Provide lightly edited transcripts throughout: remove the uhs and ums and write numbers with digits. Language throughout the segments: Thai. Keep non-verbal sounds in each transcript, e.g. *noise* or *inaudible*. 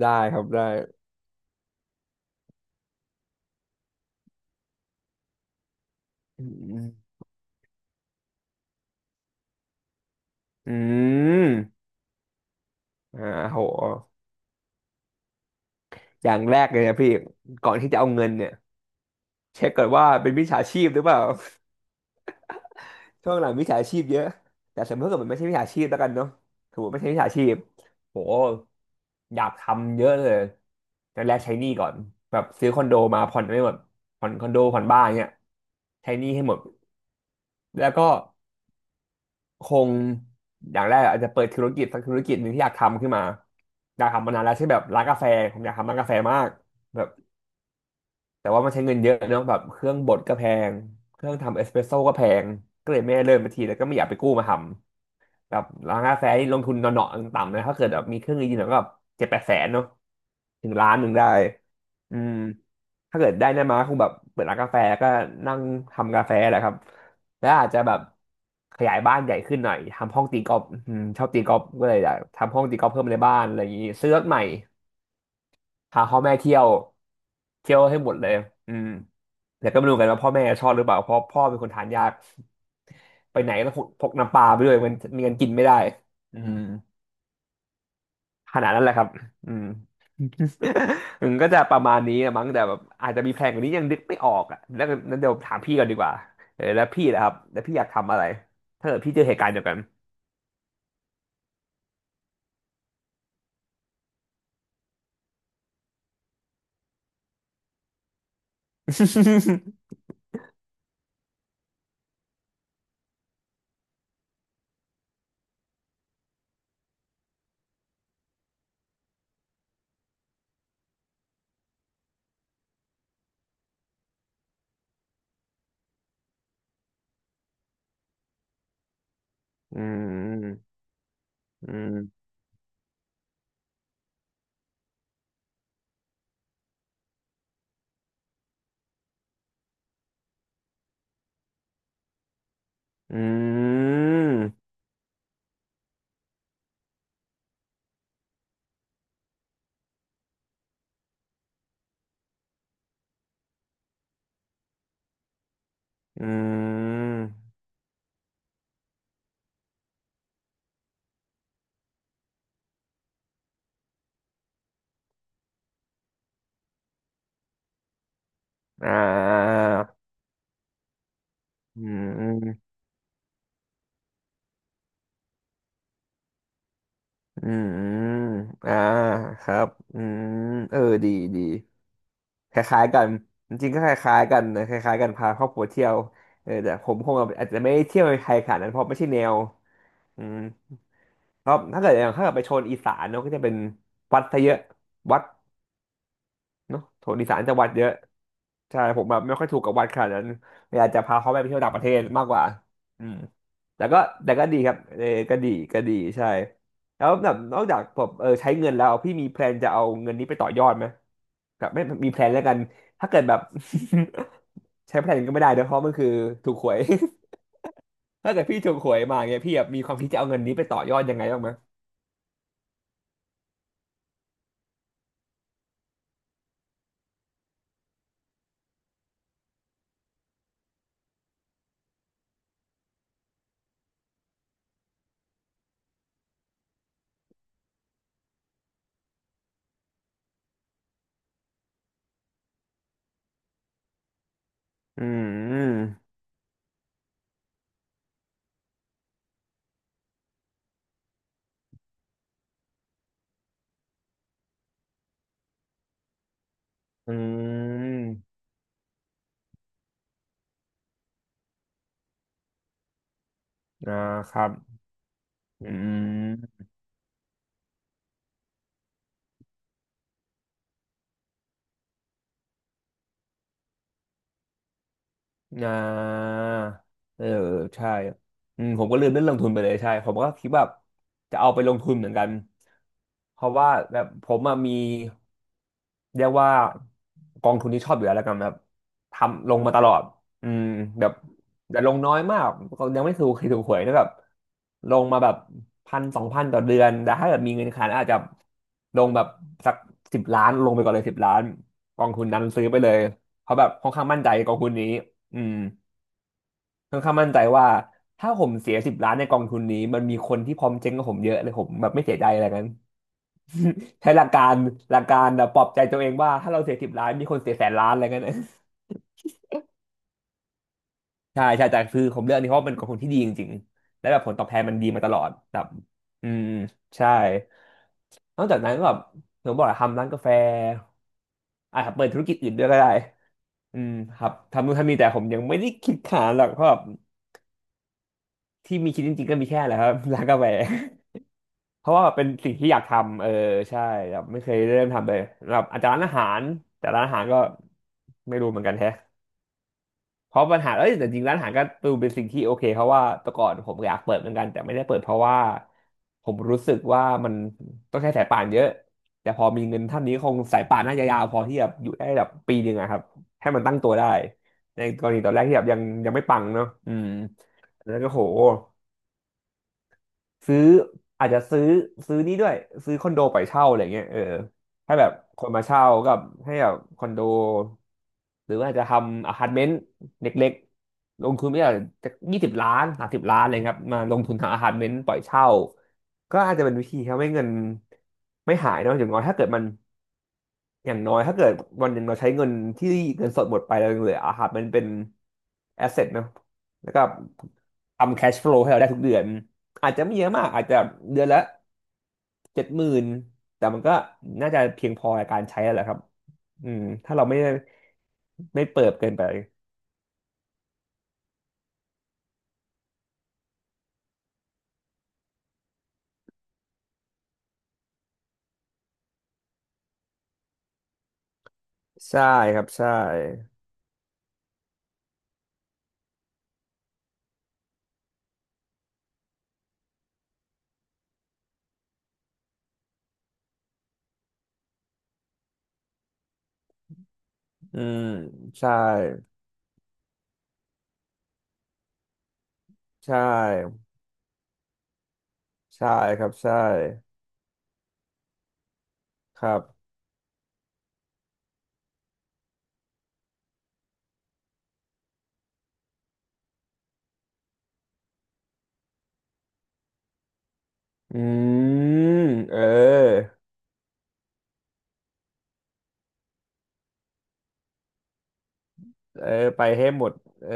ได้ครับได้อืมอืมอ่าโหอย่างแรกเลยนะพี่ ก่อนที่จะเอาเงินเนี่ยเช็คก่อนว่าเป็นมิจฉาชีพหรือเปล่า *laughs* ช่วงหลังมิจฉาชีพเยอะแต่สมมติว่าเกิดมันไม่ใช่มิจฉาชีพแล้วกันเนาะถือว่าไม่ใช่มิจฉาชีพโหอยากทำเยอะเลยแต่แรกใช้หนี้ก่อนแบบซื้อคอนโดมาผ่อนไม่หมดผ่อนคอนโดผ่อนบ้านเนี่ยใช้หนี้ให้หมดแล้วก็ คงอย่างแรกอาจจะเปิดธุรกิจสักธุรกิจหนึ่งที่อยากทำขึ้นมาอยากทำมานานแล้วใช่แบบร้านกาแฟผมอยากทำร้านกาแฟมากแบบแต่ว่ามันใช้เงินเยอะเนอะแบบเครื่องบดก็แพงเครื่องทำเอสเปรสโซ่ก็แพงก็เลยไม่ได้เริ่มมาทีแล้วก็ไม่อยากไปกู้มาทำ แบบร้านกาแฟนี่ลงทุนหน่อๆต่ำๆนะถ้าเกิดแบบมีเครื่องดงๆหน่อยก็แบบเจ็ดแปดแสนเนาะถึงล้านหนึ่งได้อืมถ้าเกิดได้นะมาก็คงแบบเปิดร้านกาแฟแล้วก็นั่งทำกาแฟแหละครับแล้วอาจจะแบบขยายบ้านใหญ่ขึ้นหน่อยทำห้องตีกอล์ฟอืมชอบตีกอล์ฟก็เลยอยากทำห้องตีกอล์ฟเพิ่มในบ้านอะไรอย่างนี้ซื้อรถใหม่ พาพ่อแม่เที่ยวเที่ยวให้หมดเลยอืมแต่ก็ไม่รู้กันว่าพ่อแม่ชอบหรือเปล่าเพราะพ่อเป็นคนทานยากไปไหนก็ต้องพกน้ำปลาไปด้วยมันมีกันกินไม่ได้อืมขนาดนั้นแหละครับอืม *laughs* มันก็จะประมาณนี้อะมั้งแต่แบบอาจจะมีแพลนกว่านี้ยังนึกไม่ออกอ่ะแล้วนั้นเดี๋ยวถามพี่ก่อนดีกว่าเออแล้วพี่นะครับแล้วพี่อยากทำอะไรถ้าเกิดพี่เจอเหตุการณ์เดียวกัน *laughs* อืมอืมอืมอืมอ่า อืมอืมอืมอ่าครับอืมเออดีดีคล้ายๆกันจริงๆก็คล้ายๆกันนะคล้ายๆกันพาครอบครัวเที่ยวเออแต่ผมคงอาจจะไม่ได้เที่ยวในไทยขนาดนั้นเพราะไม่ใช่แนวอืมครับถ้าเกิดอย่างถ้าเกิดไปโซนอีสานเนาะก็จะเป็นวัดซะเยอะวัด เนาะโถดีสารจังวัดเยอะใช่ผมแบบไม่ค่อยถูกกับวัดขนาดนั้นอยากจะพาเขาไปเที่ยวต่างประเทศมากกว่าอืมแต่ก็แต่ก็ดีครับเออก็ดีก็ดีใช่แล้วแบบนอกจากแบบเออใช้เงินแล้วพี่มีแพลนจะเอาเงินนี้ไปต่อยอดไหมแบบไม่มีแพลนแล้วกันถ้าเกิดแบบ *laughs* ใช้แพลนก็ไม่ได้เนอะเพราะมันคือถูกหวย *laughs* ถ้าเกิดพี่ถูกหวยมาเงียพี่แบบมีความคิดจะเอาเงินนี้ไปต่อยอดยังไงบ้างไหมอืมอืมอ่าครับอืม อ่าเออใช่อืมผมก็ลืมเรื่องลงทุนไปเลยใช่ผมก็คิดว่าจะเอาไปลงทุนเหมือนกันเพราะว่าแบบผมอะมีเรียกว่ากองทุนที่ชอบอยู่แล้วแล้วกันแบบทำลงมาตลอดอืมแบบแต่ลงน้อยมากก็ยังไม่ถูกเคยถูกหวยนะแบบลงมาแบบพันสองพันต่อเดือนแต่ถ้าเกิดมีเงินขนาดนั้นอาจจะลงแบบสักสิบล้านลงไปก่อนเลยสิบล้านกองทุนนั้นซื้อไปเลยเพราะแบบค่อนข้างมั่นใจกองทุนนี้ อืมค่อนข้างมั่นใจว่าถ้าผมเสียสิบล้านในกองทุนนี้มันมีคนที่พร้อมเจ๊งกับผมเยอะเลยผมแบบไม่เสียใจอะไรกันใช้หลักการหลักการแบบปลอบใจตัวเองว่าถ้าเราเสียสิบล้านมีคนเสียแสนล้านอะไรกันะ *laughs* ใช่ใช่แต่คือผมเลือกอันนี้เพราะว่ามันกองทุนที่ดีจริงๆและแบบผลตอบแทนมันดีมาตลอดแบบอืมใช่นอกจากนั้นก็แบบผมบอกอะทำร้านกาแฟอ่ะเปิดธุรกิจอื่นด้วยก็ได้อืมครับทำนู่นทำนี่แต่ผมยังไม่ได้คิดขนาดหรอกเพราะแบบที่มีคิดจริงๆก็มีแค่แหละครับ *laughs* ร้านกาแฟ เพราะว่าเป็นสิ่งที่อยากทำเออใช่แบบไม่เคยเริ่มทำเลยแบบอาจจะร้านอาหาร แต่ร้านอาหารก็ไม่รู้เหมือนกันแท้เพราะปัญหาเอ้ยแต่จริงร้านอาหารก็ดูเป็นสิ่งที่โอเคเพราะว่าแต่ก่อนผมอยากเปิดเหมือนกันแต่ไม่ได้เปิดเพราะว่าผมรู้สึกว่ามันต้องใช้สายป่านเยอะแต่พอมีเงินเท่านี้คงสายป่านน่าจะยาวพอที่แบบอยู่ได้แบบปีหนึ่งอะครับให้มันตั้งตัวได้ในกรณีตอนแรกที่แบบยังไม่ปังเนาะอืมแล้วก็โห ซื้ออาจจะซื้อซื้อนี่ด้วยซื้อคอนโดปล่อยเช่าอะไรเงี้ยเออให้แบบคนมาเช่ากับให้แบบคอนโดหรือว่าจะทำอพาร์ตเมนต์เล็กๆลงทุนไม่ได้จะ20 ล้าน30 ล้านอะไรครับมาลงทุนทำอพาร์ตเมนต์ปล่อยเช่าก็อาจจะเป็นวิธีททำให้เงินไม่หายเนอะอย่างน้อยถ้าเกิดมัน อย่างน้อยถ้าเกิดวันหนึ่งเราใช้เงินที่เงินสดหมดไปแล้วยังเหลืออะครับมันเป็นแอสเซทเนาะแล้วก็ทำแคชฟลูให้เราได้ทุกเดือนอาจจะไม่เยอะมากอาจจะเดือนละ70,000แต่มันก็น่าจะเพียงพอในการใช้แล้วแหละครับอืมถ้าเราไม่ไม่เปิดเกินไปใช่ครับใช่อืมใช่ใช่ใช่ครับใช่ครับอืมเออเออไปให้หมดเออ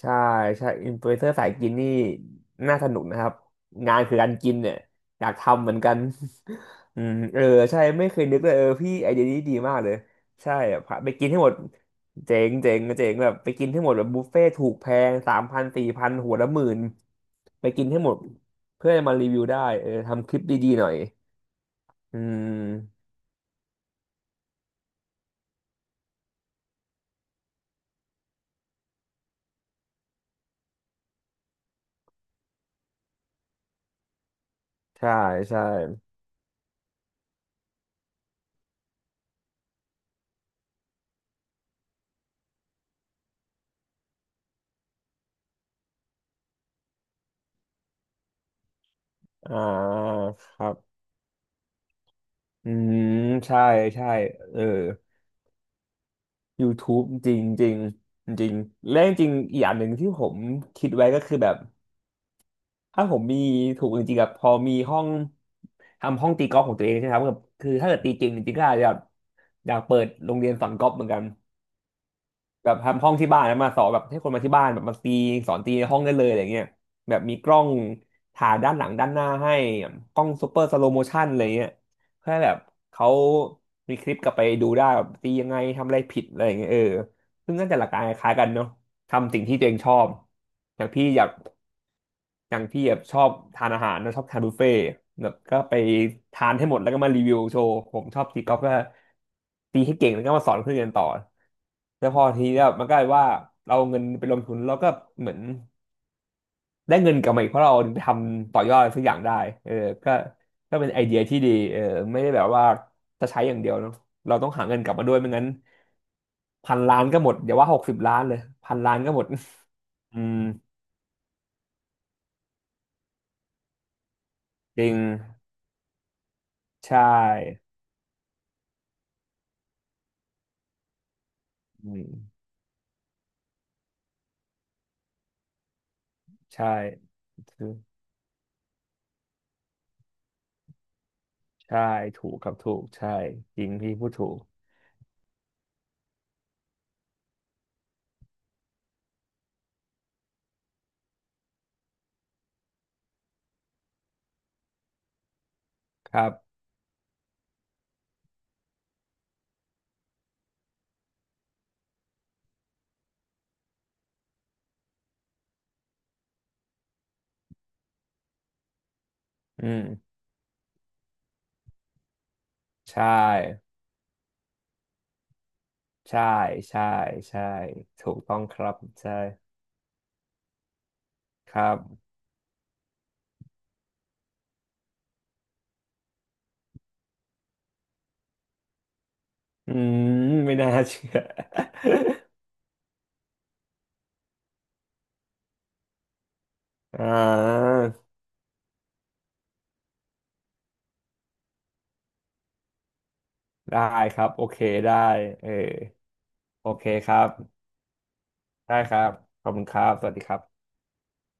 ใช่ใช่อินฟลูเอนเซอร์สายกินนี่น่าสนุกนะครับงานคือการกินเนี่ยอยากทำเหมือนกัน *laughs* อืมเออใช่ไม่เคยนึกเลยเออพี่ไอเดียนี้ดีมากเลยใช่พาไปกินให้หมดเจ๋งเจ๋งเจ๋งแบบไปกินให้หมดแบบบุฟเฟ่ถูกแพง3,0004,000หัวละหมื่นไปกินให้หมดเพื่อจะมารีวิวได้เออทำคลิปดีๆหน่อยอืมใช่ใช่อ่าครับอืมใช่ใช่เออ YouTube จริงจริงจริงและจริงอีกอย่างหนึ่งที่ผมคิดไว้ก็คือแบบถ้าผมมีถูกจริงๆกับพอมีห้องทำห้องตีกอล์ฟของตัวเองใช่ไหมครับแบบคือถ้าเกิดตีเก่งจริงๆก็อาจจะแบบอยากเปิดโรงเรียนสอนกอล์ฟเหมือนกัน แบบทำห้องที่บ้านแล้วมาสอนแบบให้คนมาที่บ้านแบบมาตีสอนตีในห้องได้เลยอะไรเงี้ยแบบมีกล้องถ่ายด้านหลังด้านหน้าให้กล้องซูเปอร์สโลโมชันอะไรเงี้ยเพื่อให้แบบเขามีคลิปกลับไปดูได้แบบตียังไงทำอะไรผิดอะไรอย่างเงี้ยเออซึ่งน่าจะหลักการคล้ายๆกันเนาะทำสิ่งที่ตัวเองชอบอย่างพี่อยาก อย่างพี่แบบชอบทานอาหารนะชอบทานบุฟเฟ่ต์แบบก็ไปทานให้หมดแล้วก็มารีวิวโชว์ผมชอบตีกอล์ฟก็ตีให้เก่งแล้วก็มาสอนเพื่อนเรียนต่อแล้วพอทีนี้มันก็เลยว่าเราเอาเงินไปลงทุนแล้วก็เหมือนได้เงินกลับมาอีกเพราะเราเอาไปทำต่อยอดอะไรสักอย่างได้เออก็ก็เป็นไอเดียที่ดีเออไม่ได้แบบว่าจะใช้อย่างเดียวเนาะเราต้องหาเงินกลับมาด้วยไม่งั้นพันล้านก็หมดอย่าว่า60 ล้านเลยพันล้านก็หมดอืม *laughs* จริงใช่อืม ใช่ถูกใช่ถูกครับถูกใช่จริงพี่พูดถูกครับอืมใช่ใช่ใช่ใช่ ถูกต้องครับใช่ครับ อืมไม่น่าเชื่อ *laughs* อ่าได้ครับโอเคได้เออโอเคครับได้ครับขอบคุณครับ สวัสดีครับ